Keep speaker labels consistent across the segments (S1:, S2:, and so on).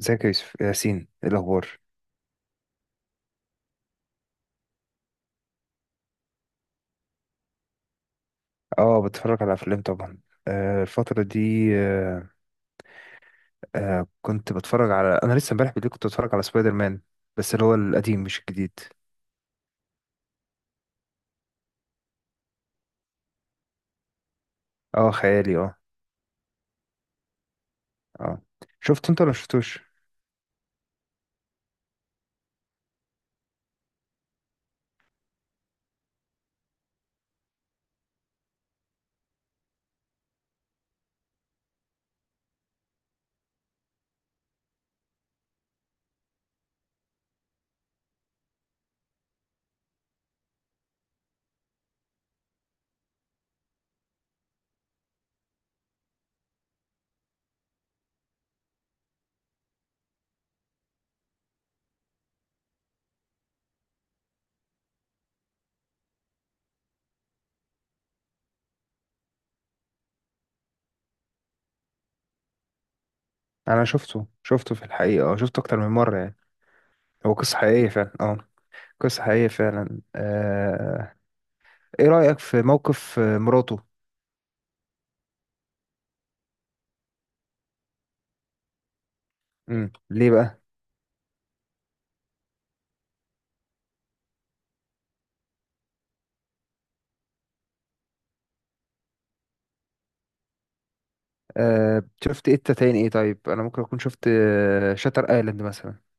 S1: ازيك يا يوسف ياسين، ايه الاخبار؟ اه، بتفرج على افلام طبعا. الفتره دي، كنت بتفرج على، انا لسه امبارح بالليل كنت بتفرج على سبايدر مان، بس اللي هو القديم مش الجديد. اه، خيالي، اه. اه، شفته انت ولا شفتوش؟ انا شفته في الحقيقه، اه شفته اكتر من مره يعني. هو قصه حقيقيه فعلا، اه. قصه حقيقيه فعلا، ايه رايك في موقف مراته؟ ليه بقى؟ شفت ايه تاني؟ ايه طيب، انا ممكن اكون شفت شاتر ايلاند مثلا.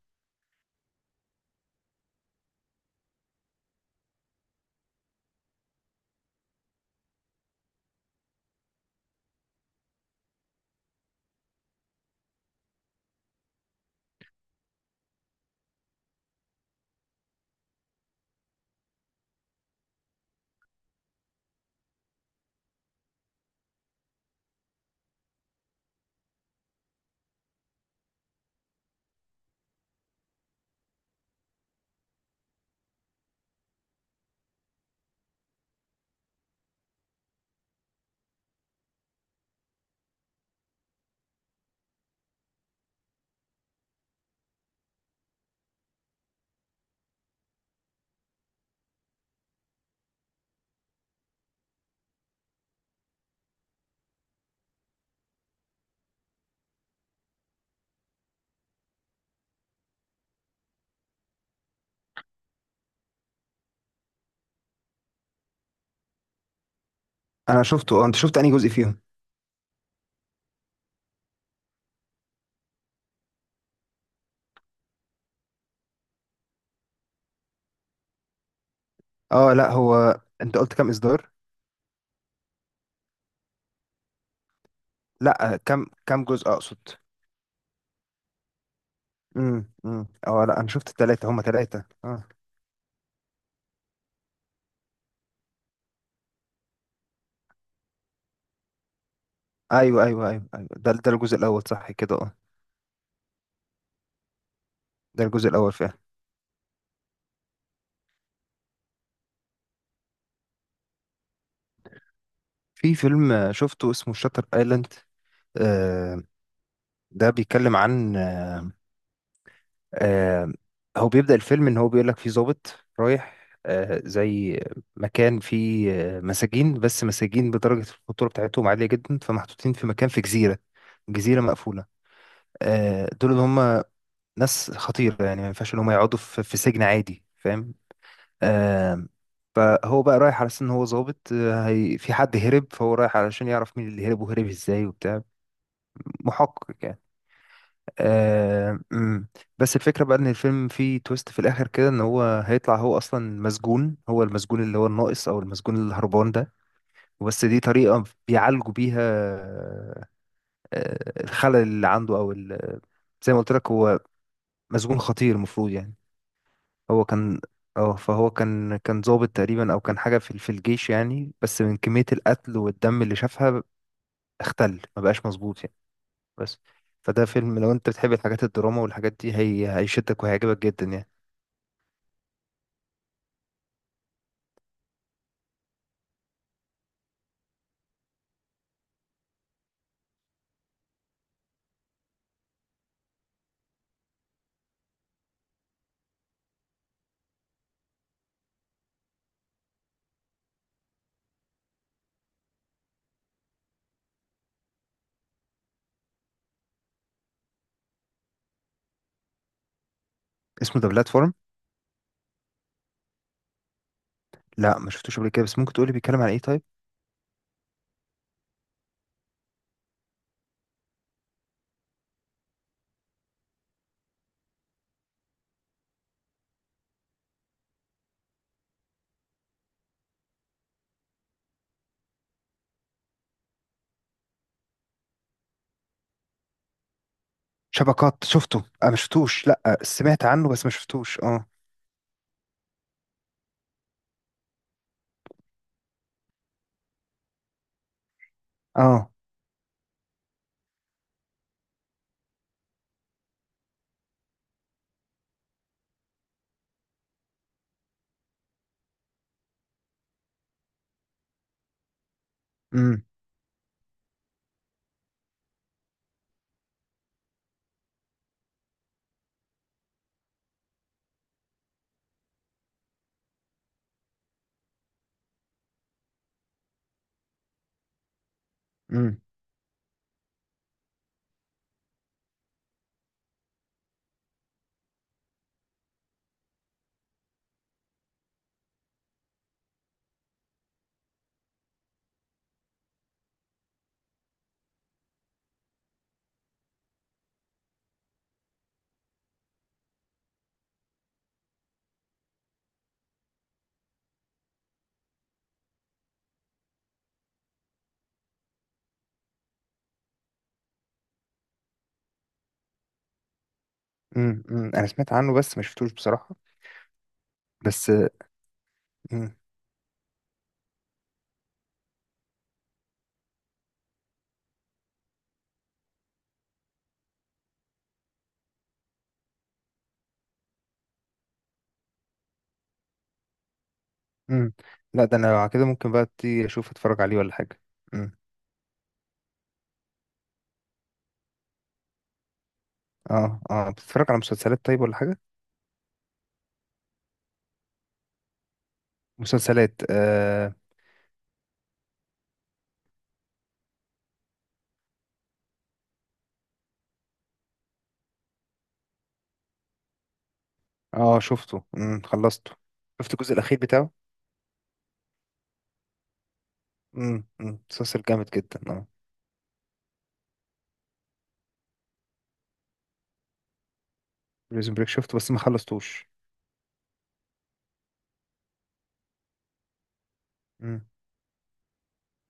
S1: انا شفته اه، انت شفت انهي جزء فيهم؟ اه، لا هو انت قلت كام اصدار؟ لا كام جزء اقصد؟ اه، لا انا شفت التلاتة، هما تلاتة اه. ايوه ايوه ايوه ايوه، ده الجزء الاول صح كده، اه. ده الجزء الاول فعلا. في فيلم شفته اسمه شاتر ايلاند، آه. ده بيتكلم عن، آه هو بيبدأ الفيلم ان هو بيقول لك في ضابط رايح، زي مكان فيه مساجين، بس مساجين بدرجة الخطورة بتاعتهم عالية جدا، فمحطوطين في مكان في جزيرة، جزيرة مقفولة. دول اللي هم ناس خطيرة يعني، ما ينفعش ان هم يقعدوا في سجن عادي فاهم. آم، فهو بقى رايح على اساس ان هو ظابط، هي في حد هرب، فهو رايح علشان يعرف مين اللي هرب وهرب ازاي وبتاع، محقق يعني. آم، أمم. بس الفكرة بقى ان الفيلم فيه تويست في الاخر كده، ان هو هيطلع هو اصلا مسجون، هو المسجون اللي هو الناقص او المسجون الهربان ده. بس دي طريقة بيعالجوا بيها الخلل اللي عنده او زي ما قلت لك هو مسجون خطير المفروض يعني. هو كان، اه فهو كان ضابط تقريبا، او كان حاجه في الجيش يعني، بس من كميه القتل والدم اللي شافها اختل، ما بقاش مظبوط يعني. بس فده فيلم، لو انت بتحب الحاجات الدراما والحاجات دي، هي هيشدك وهيعجبك جدا يعني. اسمه ذا بلاتفورم. لا، ما شفتوش قبل كده، بس ممكن تقولي بيتكلم عن ايه طيب؟ شبكات شفته، اه ما شفتوش، لا سمعت عنه بس ما شفتوش اه. اه. امم امم امم انا سمعت عنه بس ما شفتوش بصراحه. بس. امم لا ده انا لو على كده ممكن بقى ابتدي اشوف، اتفرج عليه ولا حاجه. امم اه، اه، بتتفرج على مسلسلات طيب ولا حاجه؟ مسلسلات، اه. اه شفته، خلصته. شفت الجزء الاخير بتاعه؟ مسلسل جامد جدا، اه. بريزون بريك شفته، بس ما خلصتوش. امم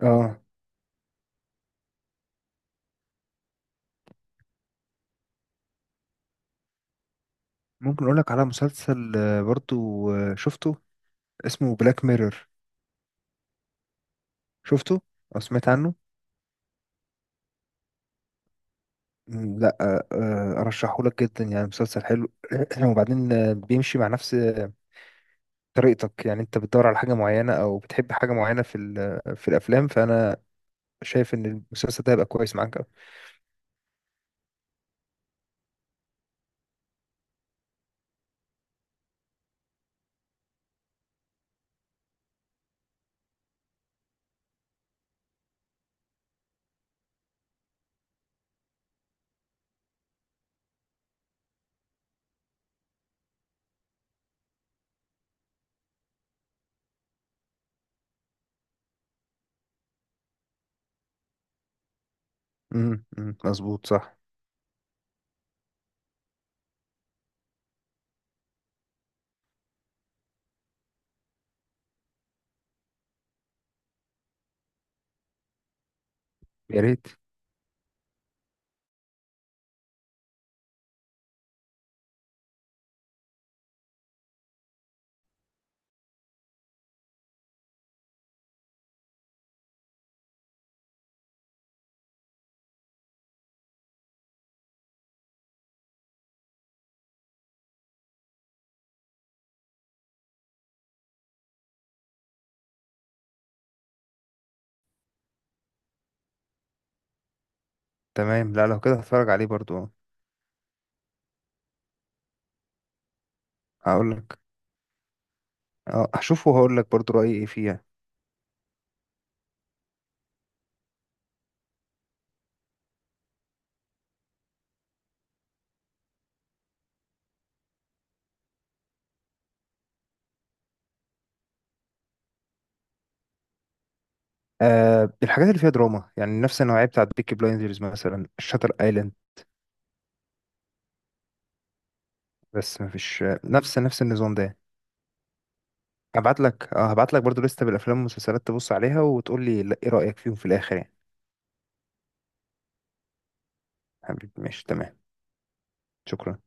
S1: اه. ممكن اقول لك على مسلسل برضو شفته، اسمه بلاك ميرور. شفته او سمعت عنه؟ مم، لا ارشحه لك جدا يعني، مسلسل حلو. وبعدين بيمشي مع نفس طريقتك، يعني انت بتدور على حاجة معينة او بتحب حاجة معينة في في الافلام، فانا شايف ان المسلسل ده هيبقى كويس معاك أوي. أمم، مظبوط صح. يا ريت. تمام، لا لو كده هتفرج عليه برضو. هقول لك، اه هشوفه وهقول لك برضو رأيي ايه فيها. آه، الحاجات اللي فيها دراما يعني، نفس النوعية بتاعت بيكي بلايندرز مثلا، شاتر ايلاند. بس مفيش نفس النظام ده. هبعت لك برضو لستة بالافلام والمسلسلات، تبص عليها وتقول لي ايه رأيك فيهم في الاخر يعني. حبيبي ماشي تمام، شكرا.